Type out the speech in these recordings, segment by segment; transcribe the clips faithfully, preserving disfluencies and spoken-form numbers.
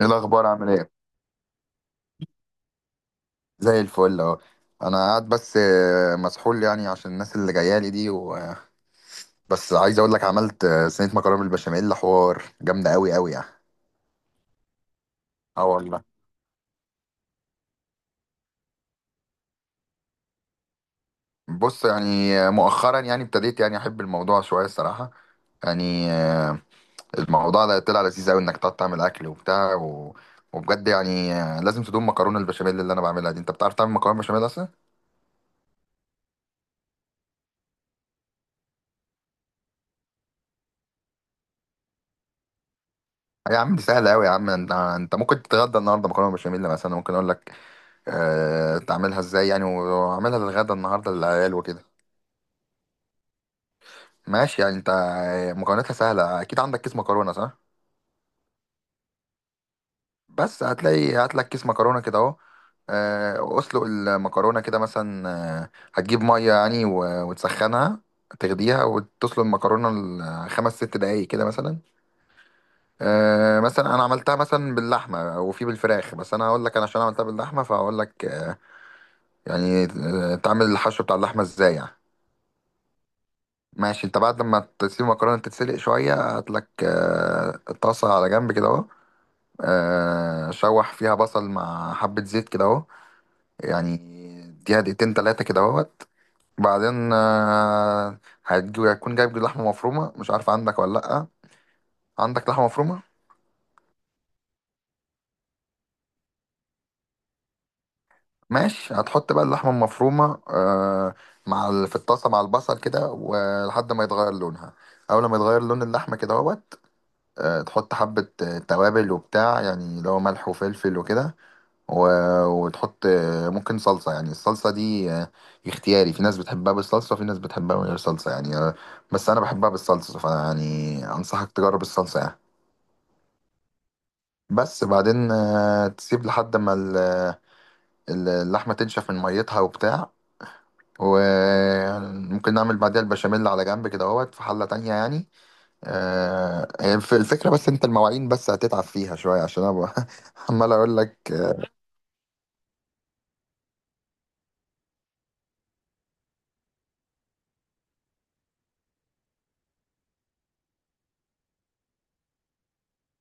ايه الاخبار؟ عامل ايه؟ زي الفل اهو. انا قاعد بس آه، مسحول يعني عشان الناس اللي جايه لي دي و... آه، بس عايز اقول لك، عملت آه، صينيه مكرونه بالبشاميل، حوار جامده قوي قوي يعني. اه والله. بص يعني، آه، مؤخرا يعني ابتديت يعني احب الموضوع شويه الصراحه. يعني آه، الموضوع ده طلع لذيذ قوي انك تقعد تعمل اكل وبتاع و... وبجد يعني آه، لازم تدوم مكرونه البشاميل اللي انا بعملها دي. انت بتعرف تعمل مكرونه بشاميل اصلا؟ يا عم دي سهله قوي، يا عم، انت انت ممكن تتغدى النهارده مكرونه بشاميل مثلا. ممكن اقول لك آه، تعملها ازاي يعني، واعملها للغدا النهارده للعيال وكده. ماشي يعني، انت مكوناتها سهله. اكيد عندك كيس مكرونه صح؟ بس هتلاقي، هات لك كيس مكرونه كده اهو. آه، اسلق المكرونه كده مثلا. آه، هتجيب ميه يعني و- وتسخنها، تغليها وتسلق المكرونه ال- خمس ست دقايق كده مثلا. آه، مثلا انا عملتها مثلا باللحمه وفي بالفراخ، بس انا هقول لك انا عشان عملتها باللحمه فهقول لك آه، يعني آه، تعمل الحشو بتاع اللحمه ازاي يعني. ماشي، انت بعد ما تسيب المكرونه تتسلق شويه هات لك آه، طاسه على جنب كده اهو. آه، شوح فيها بصل مع حبه زيت كده اهو يعني، اديها دقيقتين تلاته كده اهوت. بعدين آه، هتجي- هتكون جايب لحمه مفرومه، مش عارف عندك ولا لا. عندك لحمه مفرومه؟ ماشي، هتحط بقى اللحمه المفرومه آه، مع ال- في الطاسه مع البصل كده ولحد ما يتغير لونها. اول ما يتغير لون اللحمه كده اهوت آه، تحط حبة آه، توابل وبتاع، يعني اللي هو ملح وفلفل وكده و... وتحط آه، ممكن صلصة. يعني الصلصة دي آه، اختياري، في ناس بتحبها بالصلصة وفي ناس بتحبها من غير صلصة، يعني آه، بس أنا بحبها بالصلصة، فيعني أنصحك تجرب الصلصة يعني. بس بعدين آه، تسيب لحد ما ال- ال- اللحمة تنشف من ميتها وبتاع. وممكن نعمل بعدها البشاميل على جنب كده اهوت في حلة تانية يعني. آه، هي الف- الفكرة، بس انت المواعين بس هتتعب فيها شوية عشان انا ب- عمال اقول لك آه،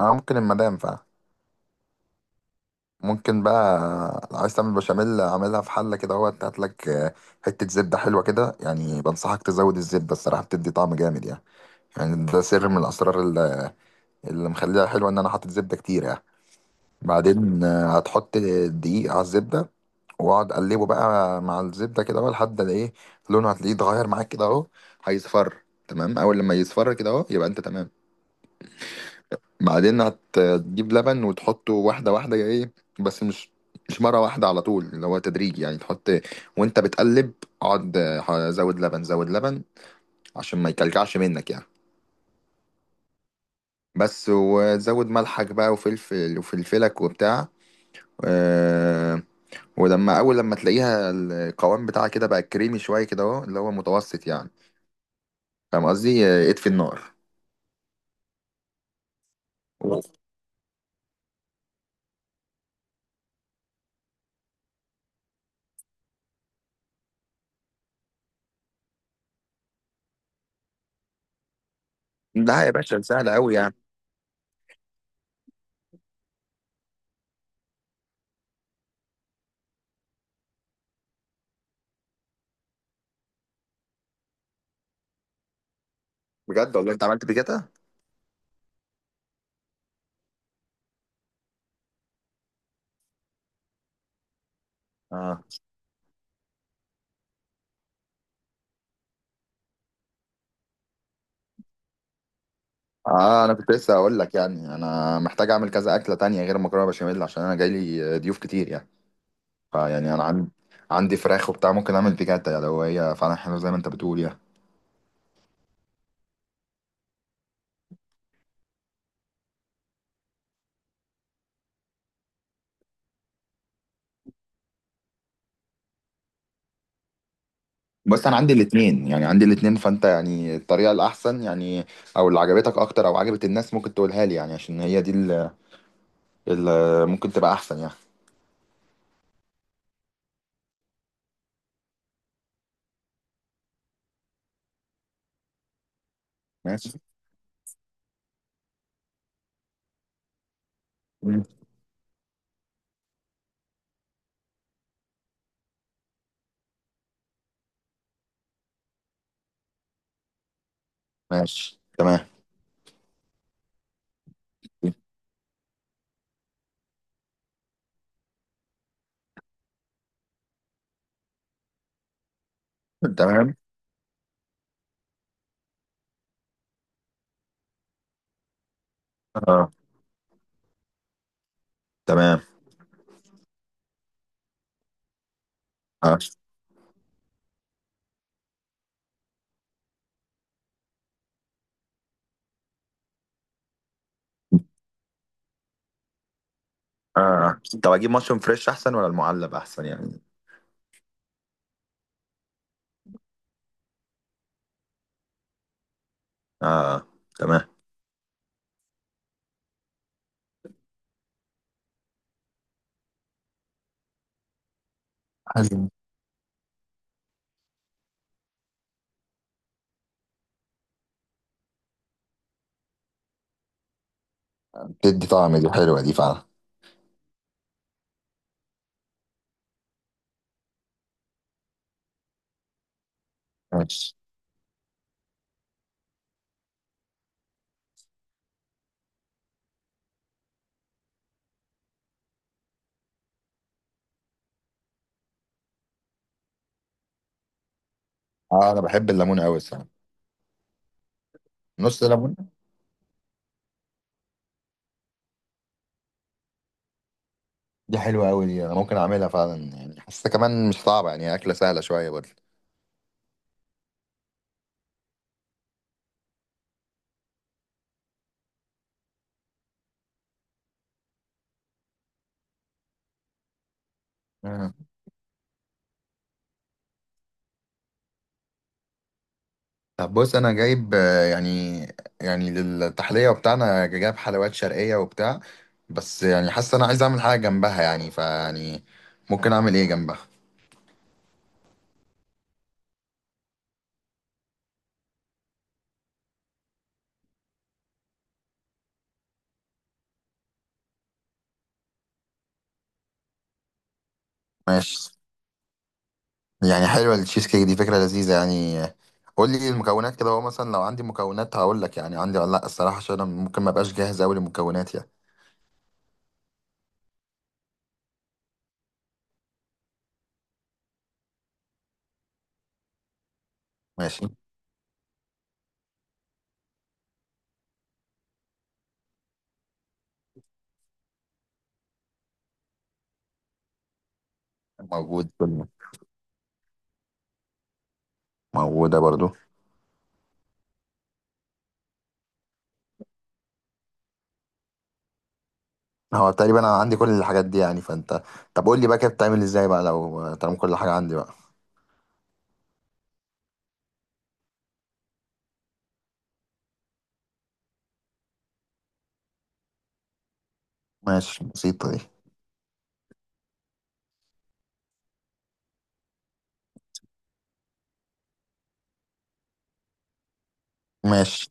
اه. ممكن المدام فعلا. ممكن بقى لو عايز تعمل بشاميل، اعملها في حلة كده اهوت. هات لك آه، حتة زبدة حلوة كده. يعني بنصحك تزود الزبدة، الصراحة بتدي طعم جامد يعني. يعني ده سر من الاسرار اللي اللي مخليها حلوة، ان انا حاطط زبدة كتير يعني. بعدين آه، هتحط دقيق على الزبدة، واقعد اقلبه بقى مع الزبدة كده بقى لحد ما ايه، لونه هتلاقيه اتغير معاك كده اهو، هيصفر تمام. اول لما يصفر كده اهو، يبقى انت تمام. بعدين هتجيب لبن وتحطه واحدة واحدة، ايه، بس مش مش مرة واحدة على طول، اللي هو تدريج يعني، تحط وانت بتقلب، اقعد آه، زود لبن زود لبن عشان ما يكلكعش منك يعني. بس، وتزود ملحك بقى وفلفل وفلفلك وبتاع آه، ولما اول لما تلاقيها القوام بتاعها كده بقى كريمي شويه كده اهو، اللي هو متوسط يعني، فاهم قصدي، آه، اطفي النار و- لا يا باشا سهله قوي يعني. بجد والله انت عملت بكده؟ اه اه، انا كنت لسه هقول لك يعني، انا محتاج اعمل كذا اكله تانية غير المكرونه بشاميل عشان انا جاي لي ضيوف كتير يعني. فيعني انا عندي عندي فراخ وبتاع، ممكن اعمل بيكاتا يعني لو هي فعلا حلوه زي ما انت بتقول يعني. بس انا عندي الاثنين، يعني عندي الاثنين، فانت يعني الطريقه الاحسن يعني، او اللي عجبتك اكتر او عجبت الناس، ممكن تقولها لي يعني عشان هي دي ال- ممكن تبقى احسن يعني. ماشي. مم. ماشي تمام. تمام. اه. تمام. اه اه، طب اجيب مشروم فريش احسن ولا المعلب احسن يعني؟ اه. تمام. حلو. بتدي طعم، دي حلوه دي فعلا. ماشي. اه انا بحب الليمون قوي الصراحه. نص ليمون. دي حلوه قوي دي، انا ممكن اعملها فعلا يعني، حاسه كمان مش صعبه يعني، اكله سهله شويه. برضه. طب بص انا جايب آه، يعني يعني للتحليه بتاعنا جايب حلويات شرقيه وبتاع، بس يعني حاسس انا عايز اعمل حاجه جنبها يعني، فيعني ممكن اعمل ايه جنبها؟ ماشي. يعني حلوه التشيز كيك دي، فكره لذيذه يعني. قول لي المكونات كده، هو مثلا لو عندي مكونات هقول لك يعني عندي ولا لا الصراحه، عشان انا ممكن ما ابقاش جاهز قوي للمكونات يعني. ماشي. موجود كله. موجوده برضو. هو تقريبا انا عندي كل الحاجات دي يعني، فانت طب قول لي بقى كده بتعمل ازاي بقى لو طالما كل حاجه عندي بقى. ماشي. بسيطه دي. ماشي.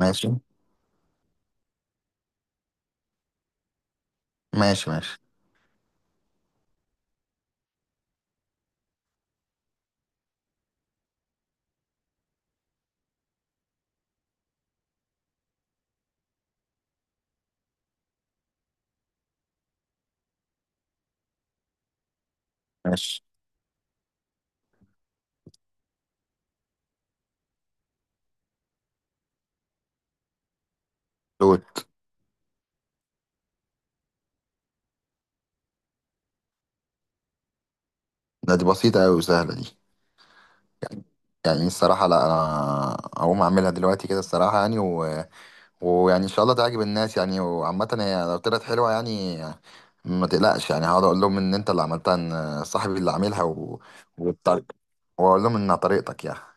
ماشي. ماشي. ماشي. ماشي. دول. ده دي بسيطة أوي وسهلة دي، يعني الصراحة. لا أنا هقوم أعملها دلوقتي كده الصراحة يعني و... ويعني إن شاء الله تعجب الناس يعني. وعامة هي لو طلعت حلوة يعني ما تقلقش، يعني هقعد أقول لهم إن أنت اللي عملتها، إن صاحبي اللي عاملها و... والطريق، وأقول لهم إنها طريقتك يعني.